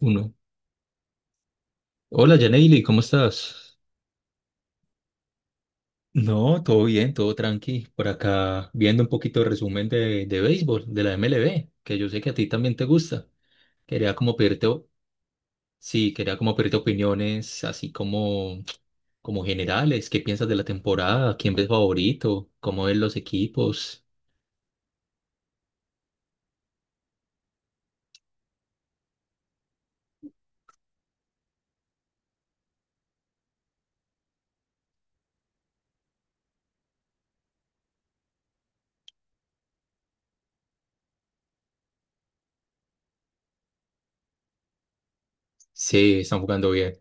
Uno. Hola, Janely, ¿cómo estás? No, todo bien, todo tranqui. Por acá viendo un poquito de resumen de béisbol, de la MLB, que yo sé que a ti también te gusta. Quería como pedirte, sí, quería como pedirte opiniones, así como generales. ¿Qué piensas de la temporada? ¿Quién ves favorito? ¿Cómo ves los equipos? Sí, están jugando bien.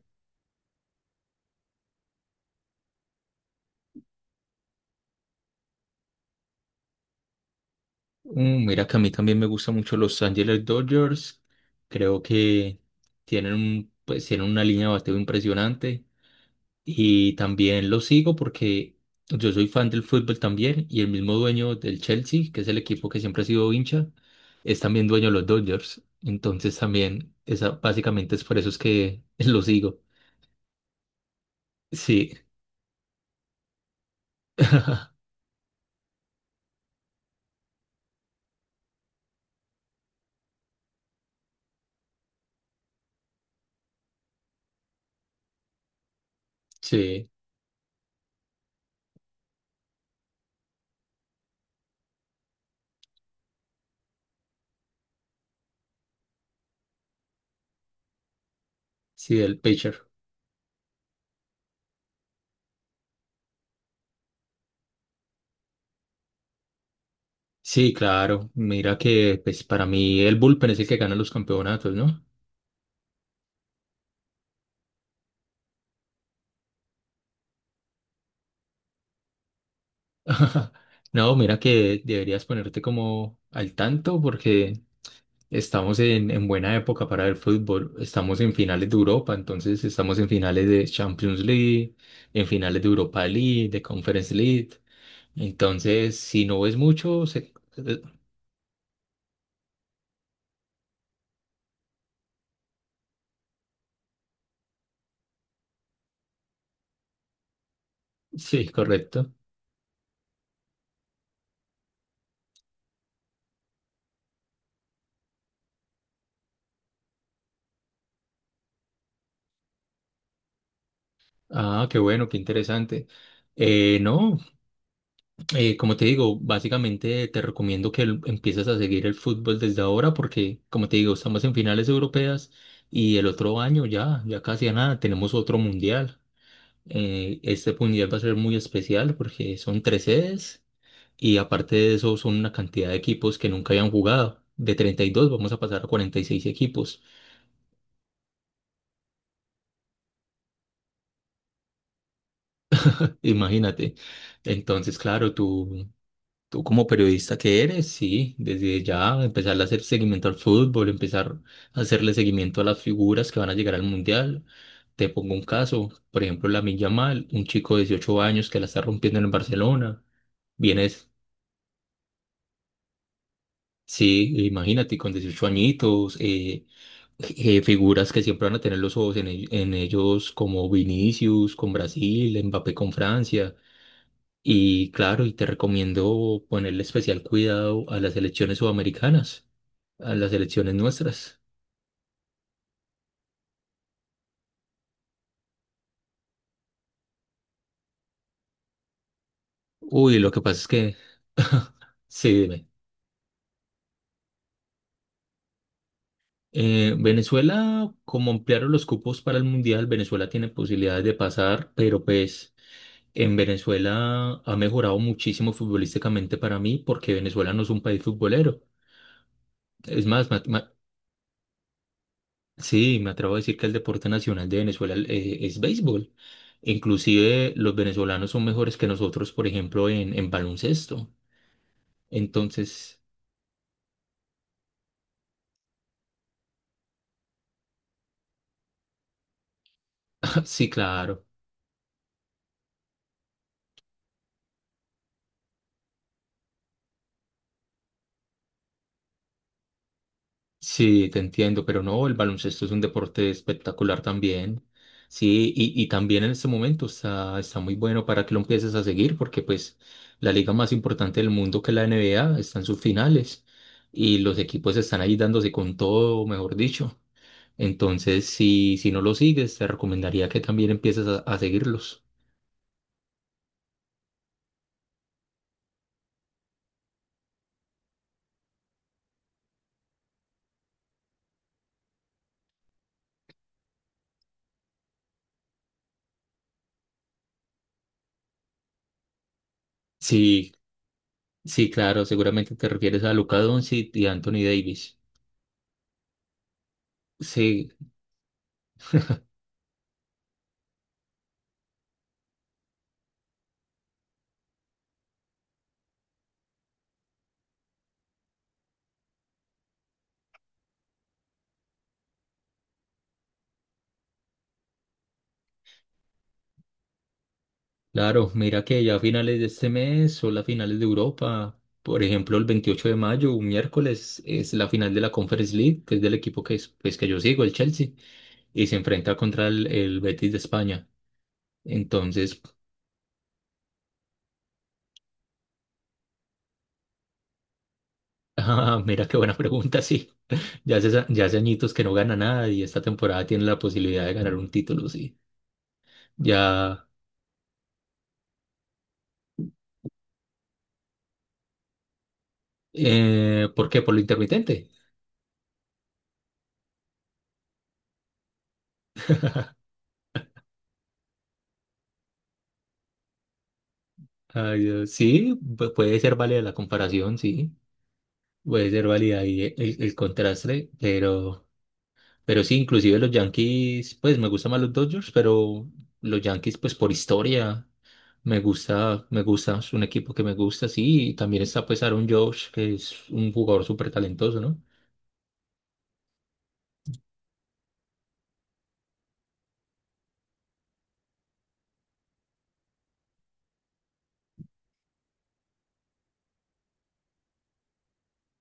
Mira que a mí también me gustan mucho los Angeles Dodgers. Creo que pues, tienen una línea de bateo impresionante. Y también lo sigo porque yo soy fan del fútbol también y el mismo dueño del Chelsea, que es el equipo que siempre ha sido hincha, es también dueño de los Dodgers. Entonces también, básicamente es por eso es que lo sigo. Sí, sí, sí, el pitcher. Sí, claro. Mira que pues para mí el bullpen es el que gana los campeonatos, ¿no? No, mira que deberías ponerte como al tanto porque estamos en buena época para el fútbol. Estamos en finales de Europa, entonces estamos en finales de Champions League, en finales de Europa League, de Conference League. Entonces, si no ves mucho, eh, sí, correcto. Ah, qué bueno, qué interesante. No, como te digo, básicamente te recomiendo que empieces a seguir el fútbol desde ahora porque, como te digo, estamos en finales europeas y el otro año ya, ya casi a nada, tenemos otro mundial. Este mundial va a ser muy especial porque son tres sedes y aparte de eso son una cantidad de equipos que nunca habían jugado. De 32 vamos a pasar a 46 equipos, imagínate. Entonces, claro, tú como periodista que eres, sí, desde ya empezar a hacer seguimiento al fútbol, empezar a hacerle seguimiento a las figuras que van a llegar al mundial. Te pongo un caso, por ejemplo, Lamine Yamal, un chico de 18 años que la está rompiendo en el Barcelona, viene. Sí, imagínate, con 18 añitos, figuras que siempre van a tener los ojos en ellos, como Vinicius con Brasil, Mbappé con Francia. Y claro, y te recomiendo ponerle especial cuidado a las elecciones sudamericanas, a las elecciones nuestras. Uy, lo que pasa es que, sí, dime. Venezuela, como ampliaron los cupos para el Mundial, Venezuela tiene posibilidades de pasar, pero pues... En Venezuela ha mejorado muchísimo futbolísticamente para mí porque Venezuela no es un país futbolero. Es más, sí, me atrevo a decir que el deporte nacional de Venezuela es béisbol. Inclusive los venezolanos son mejores que nosotros, por ejemplo, en baloncesto. Entonces, sí, claro. Sí, te entiendo, pero no, el baloncesto es un deporte espectacular también. Sí, y también en este momento está, está muy bueno para que lo empieces a seguir, porque pues la liga más importante del mundo que es la NBA está en sus finales y los equipos están ahí dándose con todo, mejor dicho. Entonces, si no lo sigues, te recomendaría que también empieces a seguirlos. Sí, sí, claro, seguramente te refieres a Luka Doncic y Anthony Davis. Sí. Claro, mira que ya a finales de este mes o las finales de Europa. Por ejemplo, el 28 de mayo, un miércoles, es la final de la Conference League, que es del equipo que, es, pues, que yo sigo, el Chelsea, y se enfrenta contra el Betis de España. Entonces, ah, mira qué buena pregunta, sí. Ya hace añitos que no gana nada y esta temporada tiene la posibilidad de ganar un título, sí. Ya, ¿por qué? Por lo intermitente. Ay, Dios, sí, puede ser válida la comparación, sí. Puede ser válida ahí el contraste, pero sí, inclusive los Yankees, pues me gustan más los Dodgers, pero los Yankees, pues por historia, me gusta, es un equipo que me gusta, sí, y también está pues Aaron Judge, que es un jugador súper talentoso, ¿no?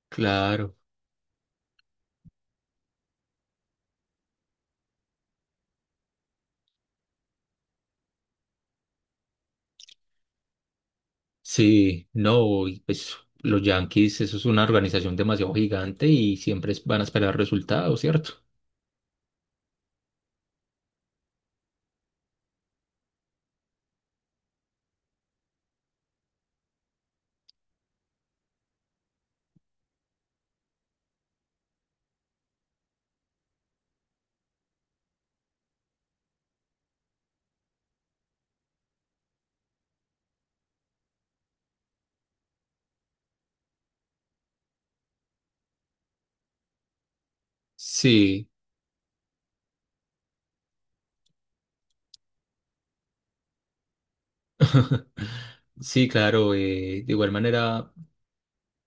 Claro, sí, no, y pues los Yankees, eso es una organización demasiado gigante y siempre van a esperar resultados, ¿cierto? Sí, sí, claro, de igual manera.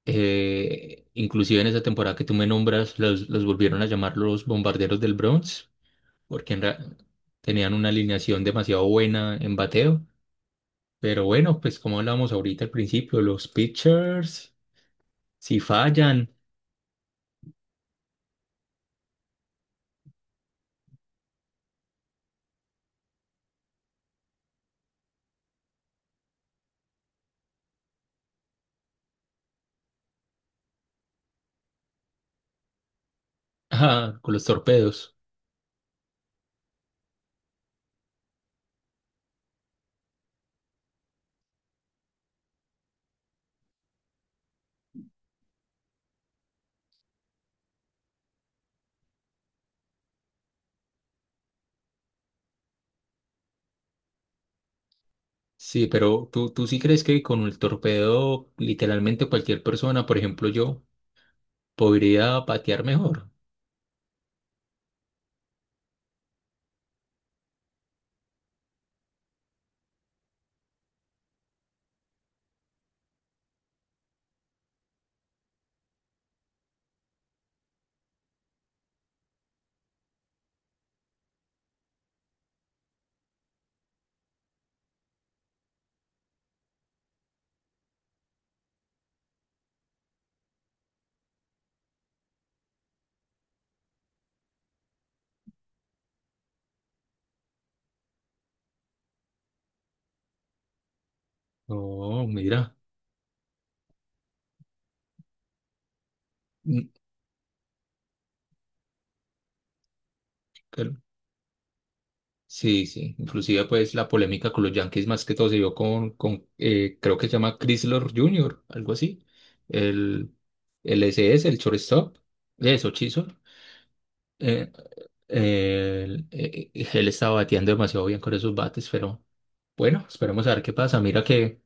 Inclusive en esa temporada que tú me nombras, los volvieron a llamar los bombarderos del Bronx, porque tenían una alineación demasiado buena en bateo. Pero bueno, pues como hablábamos ahorita al principio, los pitchers, si fallan, ah, con los torpedos. Sí, pero ¿tú sí crees que con el torpedo, literalmente cualquier persona, por ejemplo yo, podría patear mejor? Oh, mira. Sí, sí. Inclusive, pues, la polémica con los Yankees más que todo se dio con creo que se llama Chrysler Jr., algo así. El, el SS, el shortstop. Eso, Chisholm. Eh, él estaba bateando demasiado bien con esos bates, pero bueno, esperemos a ver qué pasa. Mira que,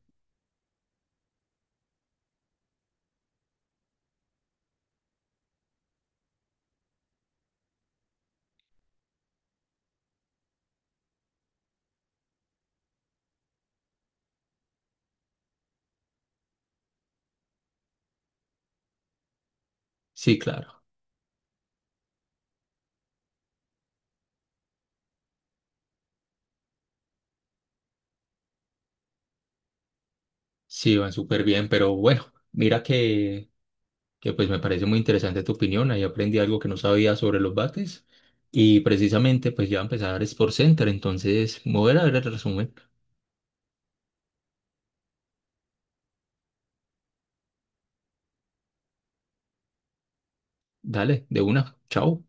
sí, claro, sí, van súper bien, pero bueno, mira que pues me parece muy interesante tu opinión. Ahí aprendí algo que no sabía sobre los bates y precisamente pues ya va a empezar Sports Center, entonces me voy a ir a ver el resumen. Dale, de una, chao.